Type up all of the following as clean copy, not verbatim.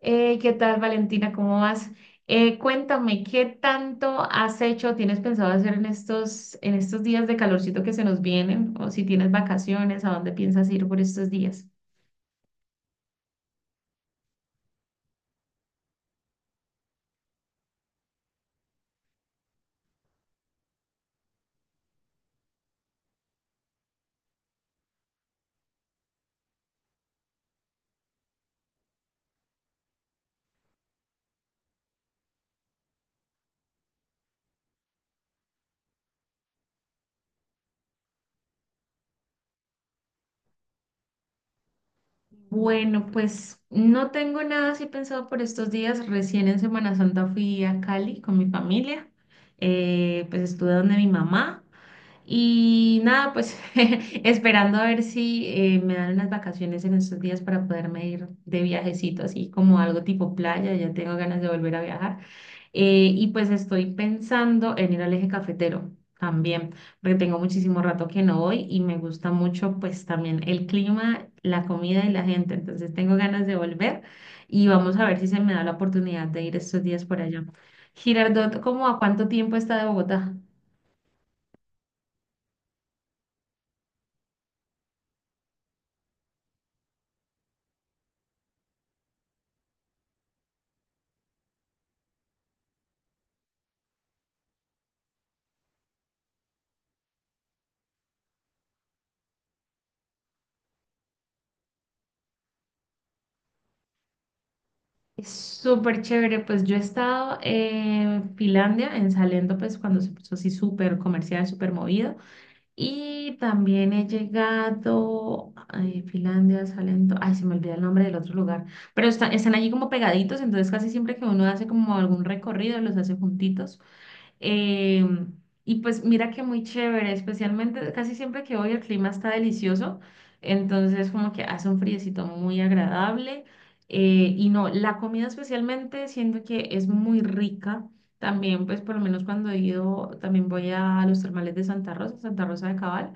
¿Qué tal, Valentina? ¿Cómo vas? Cuéntame, ¿qué tanto has hecho, tienes pensado hacer en estos días de calorcito que se nos vienen? O si tienes vacaciones, ¿a dónde piensas ir por estos días? Bueno, pues no tengo nada así pensado por estos días. Recién en Semana Santa fui a Cali con mi familia. Pues estuve donde mi mamá. Y nada, pues esperando a ver si me dan unas vacaciones en estos días para poderme ir de viajecito, así como algo tipo playa, ya tengo ganas de volver a viajar. Y pues estoy pensando en ir al Eje Cafetero también, porque tengo muchísimo rato que no voy y me gusta mucho pues también el clima, la comida y la gente, entonces tengo ganas de volver y vamos a ver si se me da la oportunidad de ir estos días por allá. Girardot, ¿cómo a cuánto tiempo está de Bogotá? Es súper chévere, pues yo he estado en Finlandia, en Salento, pues cuando se puso así súper comercial, súper movido. Y también he llegado a Finlandia, Salento, ay, se me olvida el nombre del otro lugar, pero están allí como pegaditos, entonces casi siempre que uno hace como algún recorrido, los hace juntitos. Eh, y pues mira que muy chévere, especialmente casi siempre que voy el clima está delicioso, entonces como que hace un friecito muy agradable. Y no, la comida especialmente siento que es muy rica. También pues por lo menos cuando he ido, también voy a los termales de Santa Rosa, Santa Rosa de Cabal.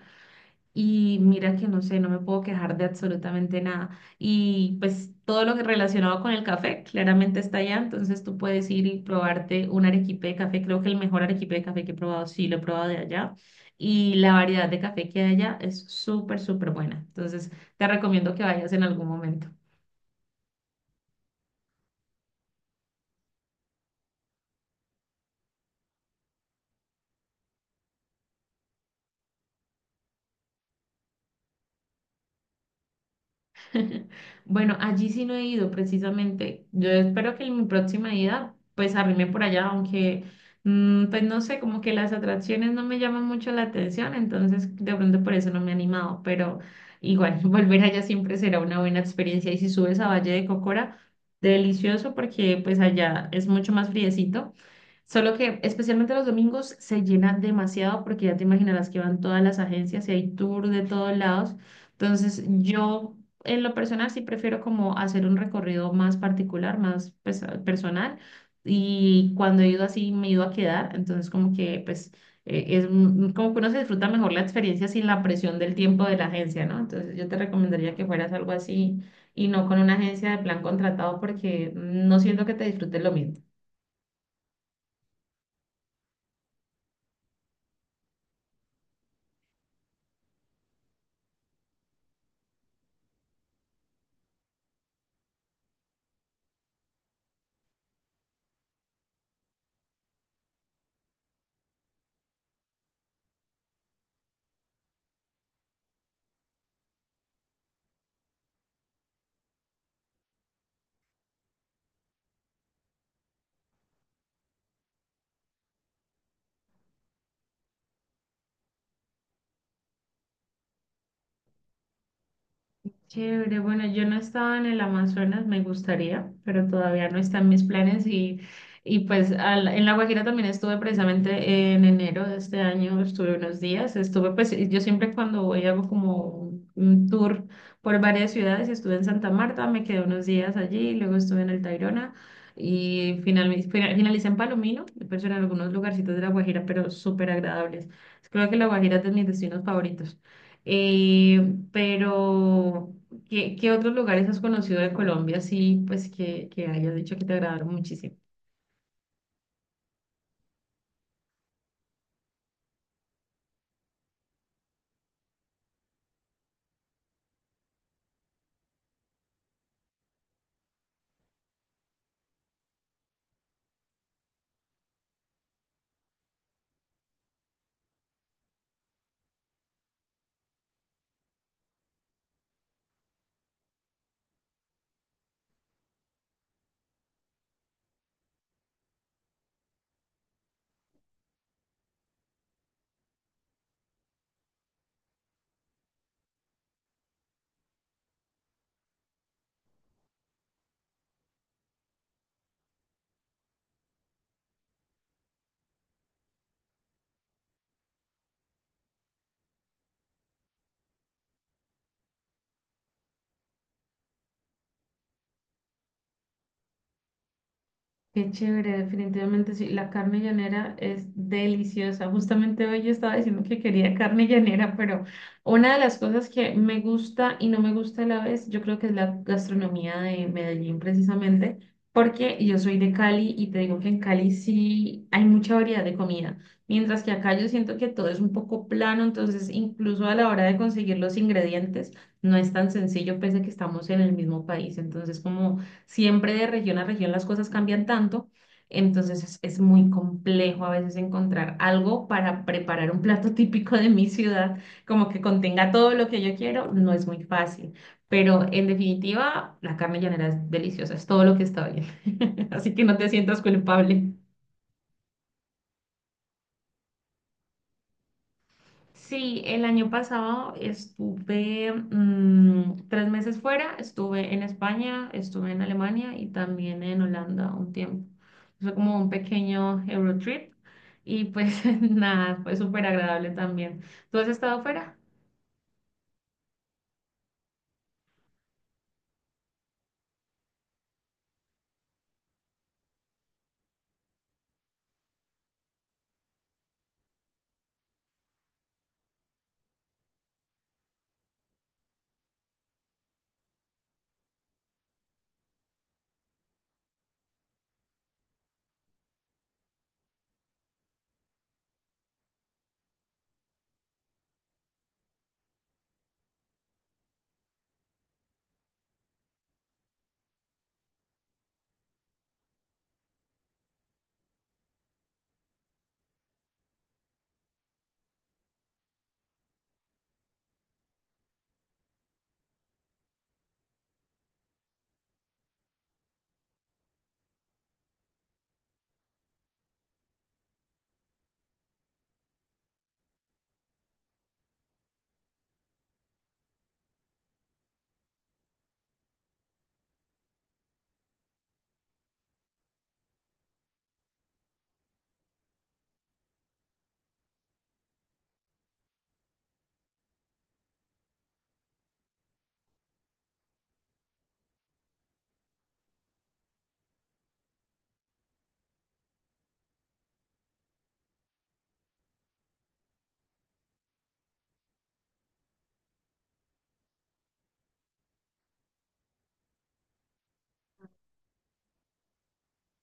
Y mira que no sé, no me puedo quejar de absolutamente nada. Y pues todo lo que relacionado con el café, claramente está allá. Entonces tú puedes ir y probarte un arequipe de café. Creo que el mejor arequipe de café que he probado, sí, lo he probado de allá. Y la variedad de café que hay allá es súper, súper buena. Entonces te recomiendo que vayas en algún momento. Bueno, allí sí no he ido precisamente. Yo espero que en mi próxima ida pues arrime por allá, aunque pues no sé, como que las atracciones no me llaman mucho la atención, entonces de pronto por eso no me he animado, pero igual volver allá siempre será una buena experiencia y si subes a Valle de Cocora, delicioso porque pues allá es mucho más friecito. Solo que especialmente los domingos se llena demasiado porque ya te imaginarás que van todas las agencias y hay tour de todos lados. Entonces yo en lo personal sí prefiero como hacer un recorrido más particular, más pues, personal. Y cuando he ido así me he ido a quedar. Entonces como que pues como que uno se disfruta mejor la experiencia sin la presión del tiempo de la agencia, ¿no? Entonces yo te recomendaría que fueras algo así y no con una agencia de plan contratado porque no siento que te disfrutes lo mismo. Chévere, bueno, yo no estaba en el Amazonas, me gustaría, pero todavía no están mis planes y pues en La Guajira también estuve precisamente en enero de este año, estuve unos días, estuve pues y yo siempre cuando voy hago como un tour por varias ciudades, estuve en Santa Marta, me quedé unos días allí, luego estuve en el Tayrona y finalmente finalicé en Palomino, pues en algunos lugarcitos de La Guajira, pero súper agradables. Creo que La Guajira es de mis destinos favoritos. Pero... ¿Qué otros lugares has conocido de Colombia, sí, pues que hayas dicho que te agradaron muchísimo? Qué chévere, definitivamente sí. La carne llanera es deliciosa. Justamente hoy yo estaba diciendo que quería carne llanera, pero una de las cosas que me gusta y no me gusta a la vez, yo creo que es la gastronomía de Medellín precisamente, porque yo soy de Cali y te digo que en Cali sí hay mucha variedad de comida, mientras que acá yo siento que todo es un poco plano, entonces incluso a la hora de conseguir los ingredientes no es tan sencillo, pese a que estamos en el mismo país. Entonces, como siempre de región a región las cosas cambian tanto, entonces es muy complejo a veces encontrar algo para preparar un plato típico de mi ciudad, como que contenga todo lo que yo quiero, no es muy fácil. Pero en definitiva, la carne llanera es deliciosa, es todo lo que está bien. Así que no te sientas culpable. Sí, el año pasado estuve 3 meses fuera, estuve en España, estuve en Alemania y también en Holanda un tiempo. Fue como un pequeño Eurotrip y pues nada, fue súper agradable también. ¿Tú has estado fuera?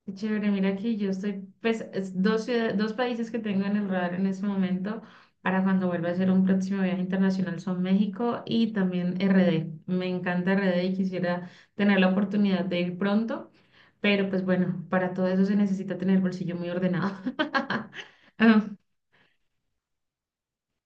Qué chévere, mira que yo estoy, pues, es dos ciudades, dos países que tengo en el radar en este momento para cuando vuelva a hacer un próximo viaje internacional son México y también RD. Me encanta RD y quisiera tener la oportunidad de ir pronto, pero pues bueno, para todo eso se necesita tener el bolsillo muy ordenado.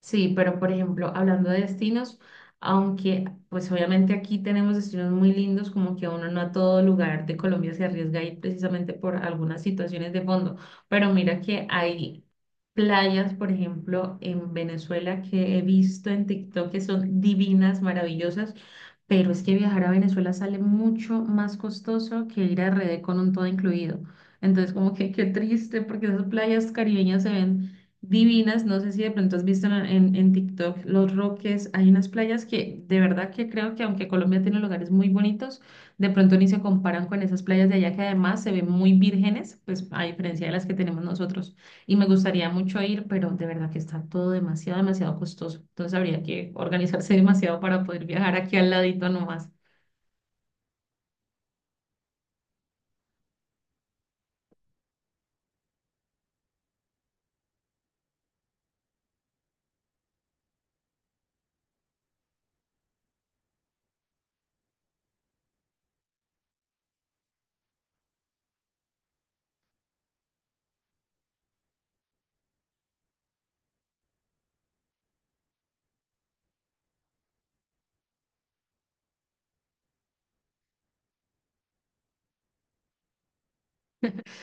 Sí, pero por ejemplo, hablando de destinos, aunque pues obviamente aquí tenemos destinos muy lindos, como que uno no a todo lugar de Colombia se arriesga a ir precisamente por algunas situaciones de fondo, pero mira que hay playas, por ejemplo, en Venezuela que he visto en TikTok que son divinas, maravillosas, pero es que viajar a Venezuela sale mucho más costoso que ir a RD con un todo incluido. Entonces, como que qué triste, porque esas playas caribeñas se ven divinas. No sé si de pronto has visto en TikTok Los Roques. Hay unas playas que de verdad que creo que aunque Colombia tiene lugares muy bonitos, de pronto ni se comparan con esas playas de allá que además se ven muy vírgenes, pues a diferencia de las que tenemos nosotros. Y me gustaría mucho ir, pero de verdad que está todo demasiado, demasiado costoso. Entonces habría que organizarse demasiado para poder viajar aquí al ladito nomás.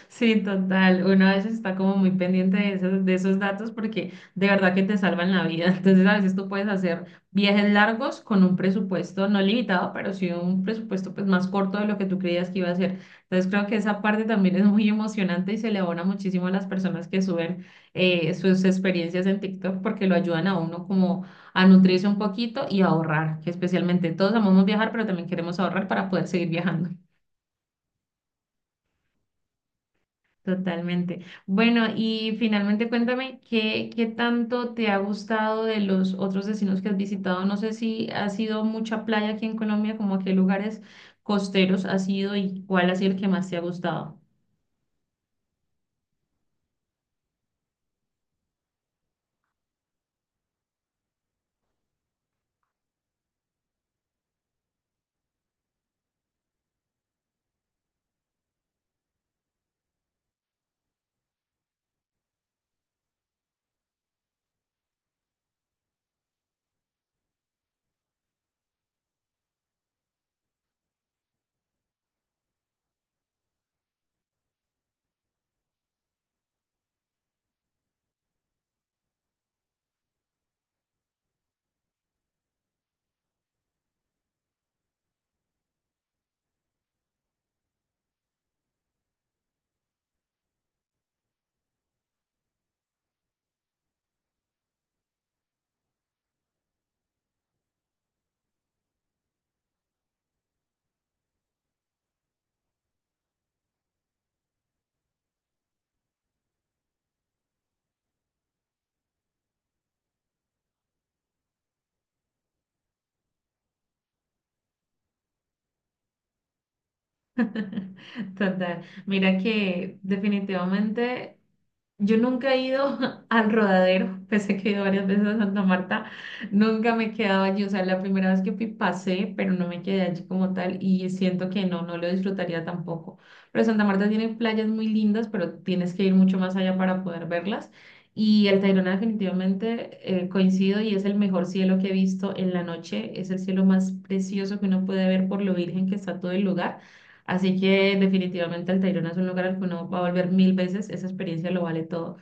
Sí, total. Uno a veces está como muy pendiente de de esos datos porque de verdad que te salvan la vida. Entonces, a veces tú puedes hacer viajes largos con un presupuesto no limitado, pero sí un presupuesto pues más corto de lo que tú creías que iba a ser. Entonces, creo que esa parte también es muy emocionante y se le abona muchísimo a las personas que suben sus experiencias en TikTok porque lo ayudan a uno como a nutrirse un poquito y a ahorrar, que especialmente todos amamos viajar, pero también queremos ahorrar para poder seguir viajando. Totalmente. Bueno, y finalmente cuéntame, ¿qué tanto te ha gustado de los otros destinos que has visitado? No sé si ha sido mucha playa aquí en Colombia, como a qué lugares costeros has ido y cuál ha sido el que más te ha gustado. Total. Mira que definitivamente yo nunca he ido al rodadero, pese a que he ido varias veces a Santa Marta, nunca me he quedado allí. O sea, la primera vez que fui pasé, pero no me quedé allí como tal y siento que no, no lo disfrutaría tampoco. Pero Santa Marta tiene playas muy lindas, pero tienes que ir mucho más allá para poder verlas. Y el Tayrona definitivamente coincido y es el mejor cielo que he visto en la noche. Es el cielo más precioso que uno puede ver por lo virgen que está todo el lugar. Así que definitivamente Altairona es un lugar al que uno va a volver mil veces, esa experiencia lo vale todo.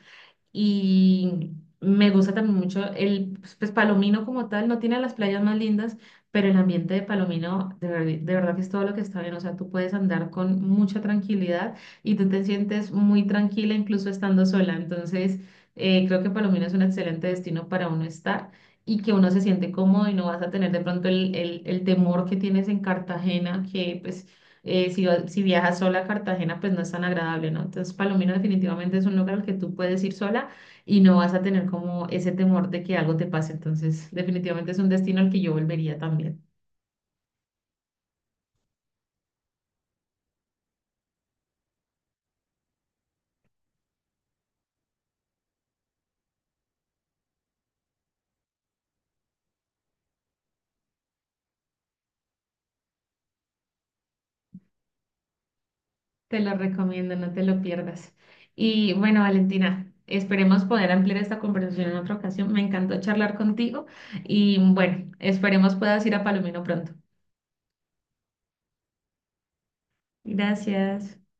Y me gusta también mucho el, pues, Palomino como tal, no tiene las playas más lindas, pero el ambiente de Palomino de, de verdad que es todo lo que está bien, o sea, tú puedes andar con mucha tranquilidad y tú te sientes muy tranquila incluso estando sola. Entonces, creo que Palomino es un excelente destino para uno estar. Y que uno se siente cómodo y no vas a tener de pronto el temor que tienes en Cartagena, que pues si viajas sola a Cartagena, pues no es tan agradable, ¿no? Entonces, Palomino definitivamente es un lugar al que tú puedes ir sola y no vas a tener como ese temor de que algo te pase. Entonces, definitivamente es un destino al que yo volvería también. Te lo recomiendo, no te lo pierdas. Y bueno, Valentina, esperemos poder ampliar esta conversación en otra ocasión. Me encantó charlar contigo y bueno, esperemos puedas ir a Palomino pronto. Gracias.